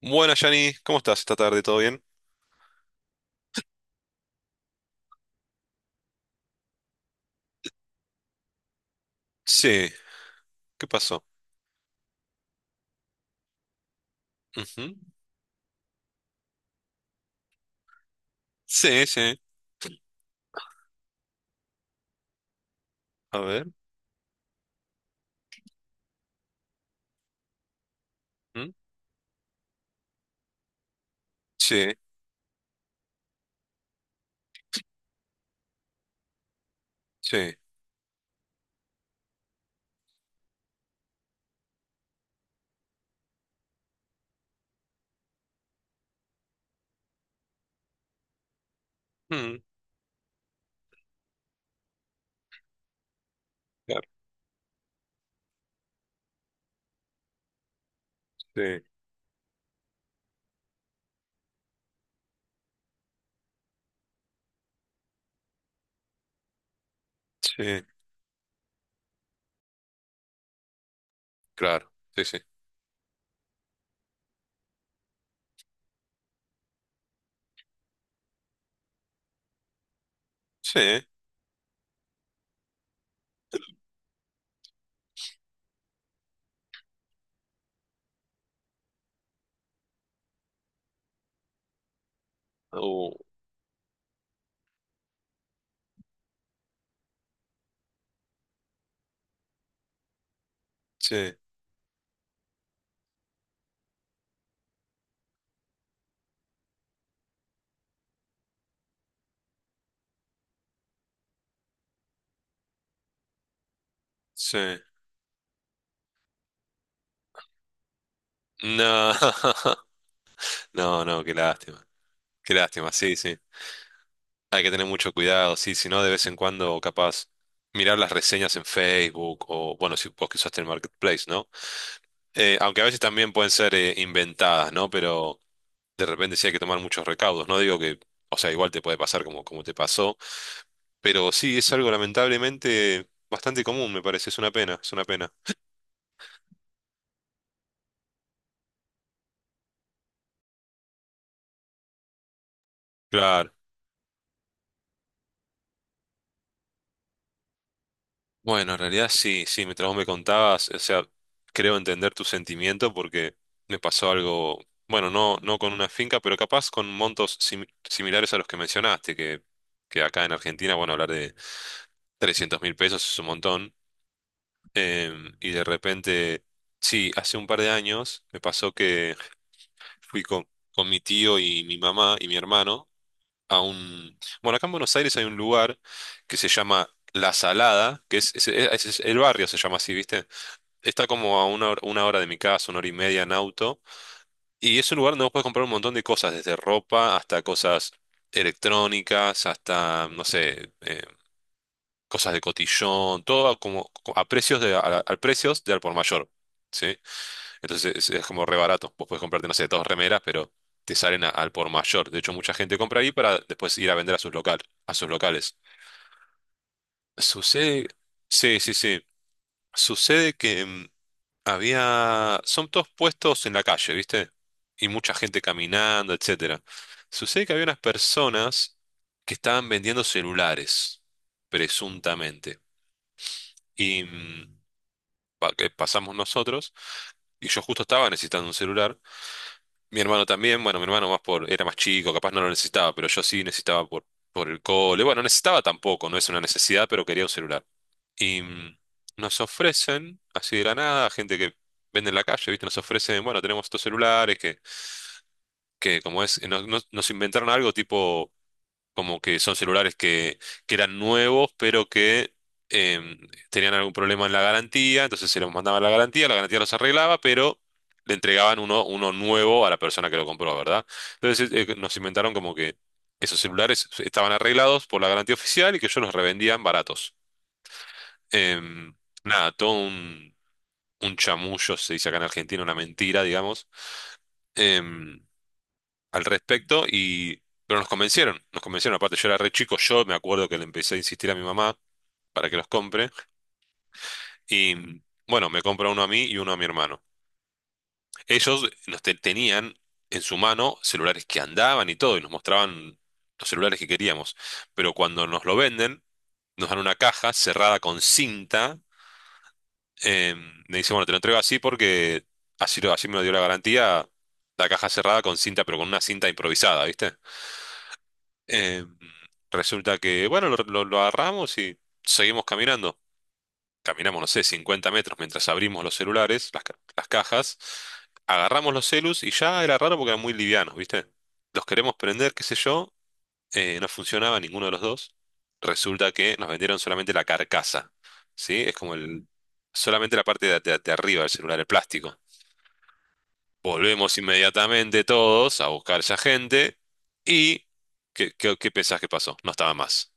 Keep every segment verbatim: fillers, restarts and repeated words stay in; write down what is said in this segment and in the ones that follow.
Buenas, Yanni, ¿cómo estás esta tarde? ¿Todo bien? Sí, ¿qué pasó? Ujú. Sí, sí, a ver. Mm, sí, sí. Mm, claro. Sí, sí, claro. Sí, sí. Sí, uh, sí, sí. No, no, no, qué lástima. Qué lástima, sí, sí. Hay que tener mucho cuidado, sí, si no, de vez en cuando, capaz, mirar las reseñas en Facebook o, bueno, si vos que usaste el Marketplace, ¿no? Eh, aunque a veces también pueden ser eh, inventadas, ¿no? Pero de repente sí hay que tomar muchos recaudos. No digo que, o sea, igual te puede pasar como, como, te pasó, pero sí es algo lamentablemente bastante común, me parece. Es una pena, es una pena. Claro. Bueno, en realidad sí, sí, mientras vos me contabas, o sea, creo entender tu sentimiento porque me pasó algo, bueno, no, no con una finca, pero capaz con montos simi- similares a los que mencionaste, que, que, acá en Argentina, bueno, hablar de trescientos mil pesos es un montón. Em, y de repente, sí, hace un par de años me pasó que fui con, con mi tío y mi mamá y mi hermano a un... Bueno, acá en Buenos Aires hay un lugar que se llama La Salada, que es, es- es- es- el barrio se llama así, ¿viste? Está como a una, hora- una hora de mi casa, una hora y media en auto, y es un lugar donde vos podés comprar un montón de cosas, desde ropa hasta cosas electrónicas, hasta, no sé, eh, cosas de cotillón, todo como a precios de, a, a precios de al por mayor. ¿Sí? Entonces es, es, como re barato. Vos podés comprarte, no sé, dos remeras, pero te salen a- al por mayor. De hecho, mucha gente compra ahí para después ir a vender a sus local, a sus locales. Sucede, sí, sí, sí. Sucede que mm, había, son todos puestos en la calle, ¿viste? Y mucha gente caminando, etcétera. Sucede que había unas personas que estaban vendiendo celulares, presuntamente. Y mm, pa- que pasamos nosotros, y yo justo estaba necesitando un celular. Mi hermano también, bueno, mi hermano más por, era más chico, capaz no lo necesitaba, pero yo sí necesitaba por, por, el cole. Bueno, necesitaba tampoco, no es una necesidad, pero quería un celular. Y mm, nos ofrecen, así de la nada, gente que vende en la calle, ¿viste? Nos ofrecen, bueno, tenemos estos celulares que, que como es, nos, nos- nos inventaron algo tipo como que son celulares que, que eran nuevos, pero que em, tenían algún problema en la garantía, entonces se los mandaba a la garantía, la garantía los arreglaba, pero le entregaban uno, uno nuevo a la persona que lo compró, ¿verdad? Entonces eh, nos inventaron como que esos celulares estaban arreglados por la garantía oficial y que ellos los revendían baratos. Em, Nada, todo un, un chamullo, se dice acá en Argentina, una mentira, digamos. Em, Al respecto y pero nos convencieron, nos convencieron, aparte yo era re chico, yo me acuerdo que le empecé a insistir a mi mamá para que los compre y mm, bueno, me compra uno a mí y uno a mi hermano. Ellos nos te- tenían en su mano celulares que andaban y todo y nos mostraban los celulares que queríamos, pero cuando nos lo venden, nos dan una caja cerrada con cinta, eh, me dicen, bueno, te lo entrego así porque así, lo- así me lo dio la garantía, la caja cerrada con cinta, pero con una cinta improvisada, ¿viste? Eh, Resulta que, bueno, lo, lo- lo agarramos y seguimos caminando. Caminamos, no sé, cincuenta metros mientras abrimos los celulares, las, ca- las cajas. Agarramos los celus y ya era raro porque eran muy livianos, ¿viste? Los queremos prender, qué sé yo. Eh, no funcionaba ninguno de los dos. Resulta que nos vendieron solamente la carcasa, ¿sí? Es como el, solamente la parte de, de- de arriba del celular, el plástico. Volvemos inmediatamente todos a buscar esa gente y... ¿Qué, qué, qué pensás que pasó? No estaba más.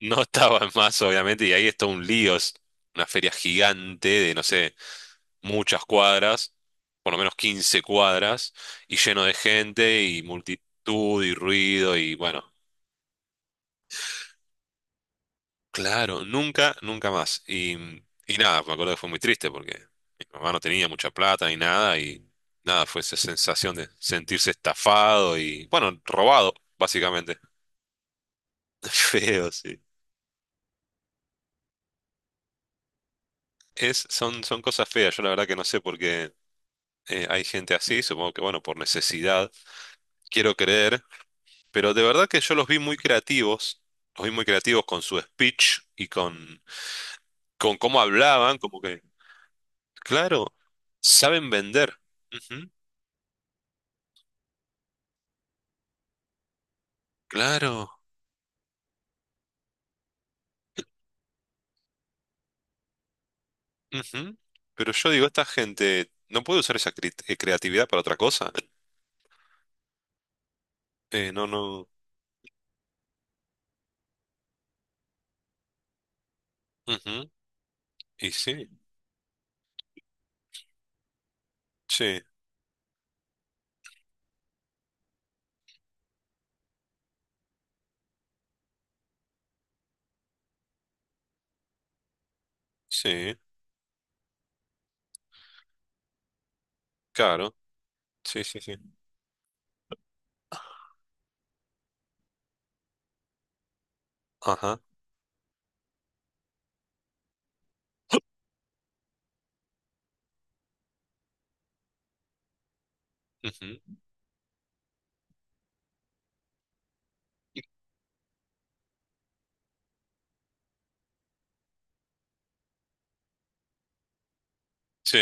No estaba más, obviamente, y ahí está un lío, es una feria gigante de, no sé, muchas cuadras, por lo menos quince cuadras, y lleno de gente y multitud y ruido y bueno, claro, nunca, nunca más. Y, y nada, me acuerdo que fue muy triste porque mi mamá no tenía mucha plata ni nada y nada, fue esa sensación de sentirse estafado y, bueno, robado, básicamente. Feo, sí. Es, son, son cosas feas, yo la verdad que no sé por qué. Eh, hay gente así, supongo que, bueno, por necesidad, quiero creer, pero de verdad que yo los vi muy creativos, los vi muy creativos con su speech y con, con, cómo hablaban, como que, claro, saben vender. Ujú, claro, ujú. Pero yo digo, esta gente no puede usar esa cri- eh, creatividad para otra cosa. Eh, no, no, ujú. Y sí, sí, sí, claro, sí, sí, sí. Ajá. Ujú. Sí,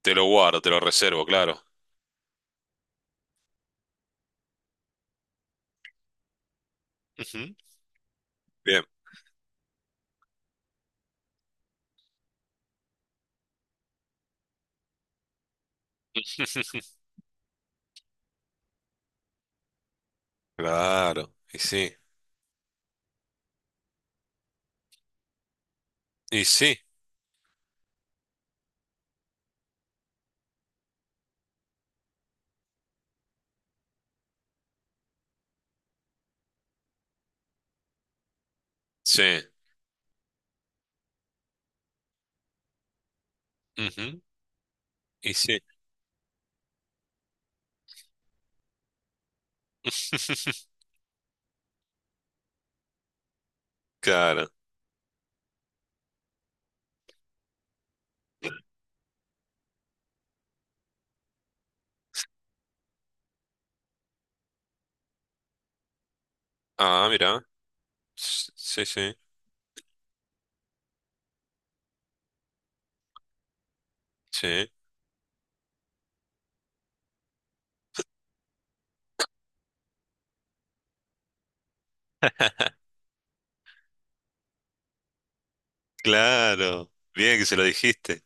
te lo guardo, te lo reservo, claro. Ujú, bien. Claro, y sí, y sí, sí, ujú, y sí, claro. Ah, mira, s- sí, sí, sí, claro, bien que se lo dijiste,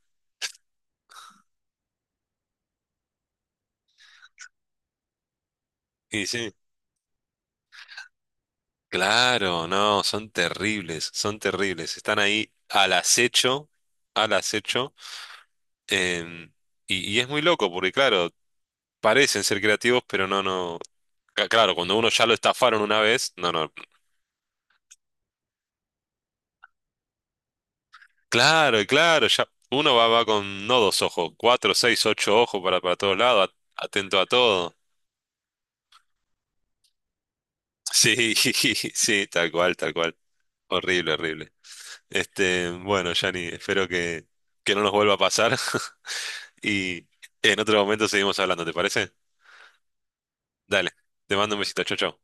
y sí, claro, no, son terribles, son terribles, están ahí al acecho, al acecho, em, y, y es muy loco porque, claro, parecen ser creativos, pero no, no, ca- claro, cuando uno ya lo estafaron una vez, no, no, Claro, claro, ya uno va, va, con no dos ojos, cuatro, seis, ocho ojos para, para todos lados, a- atento a todo. Sí, sí, tal cual, tal cual. Horrible, horrible. Este, bueno, Yanni, espero que, que, no nos vuelva a pasar y en otro momento seguimos hablando, ¿te parece? Dale, te mando un besito, chau, chau.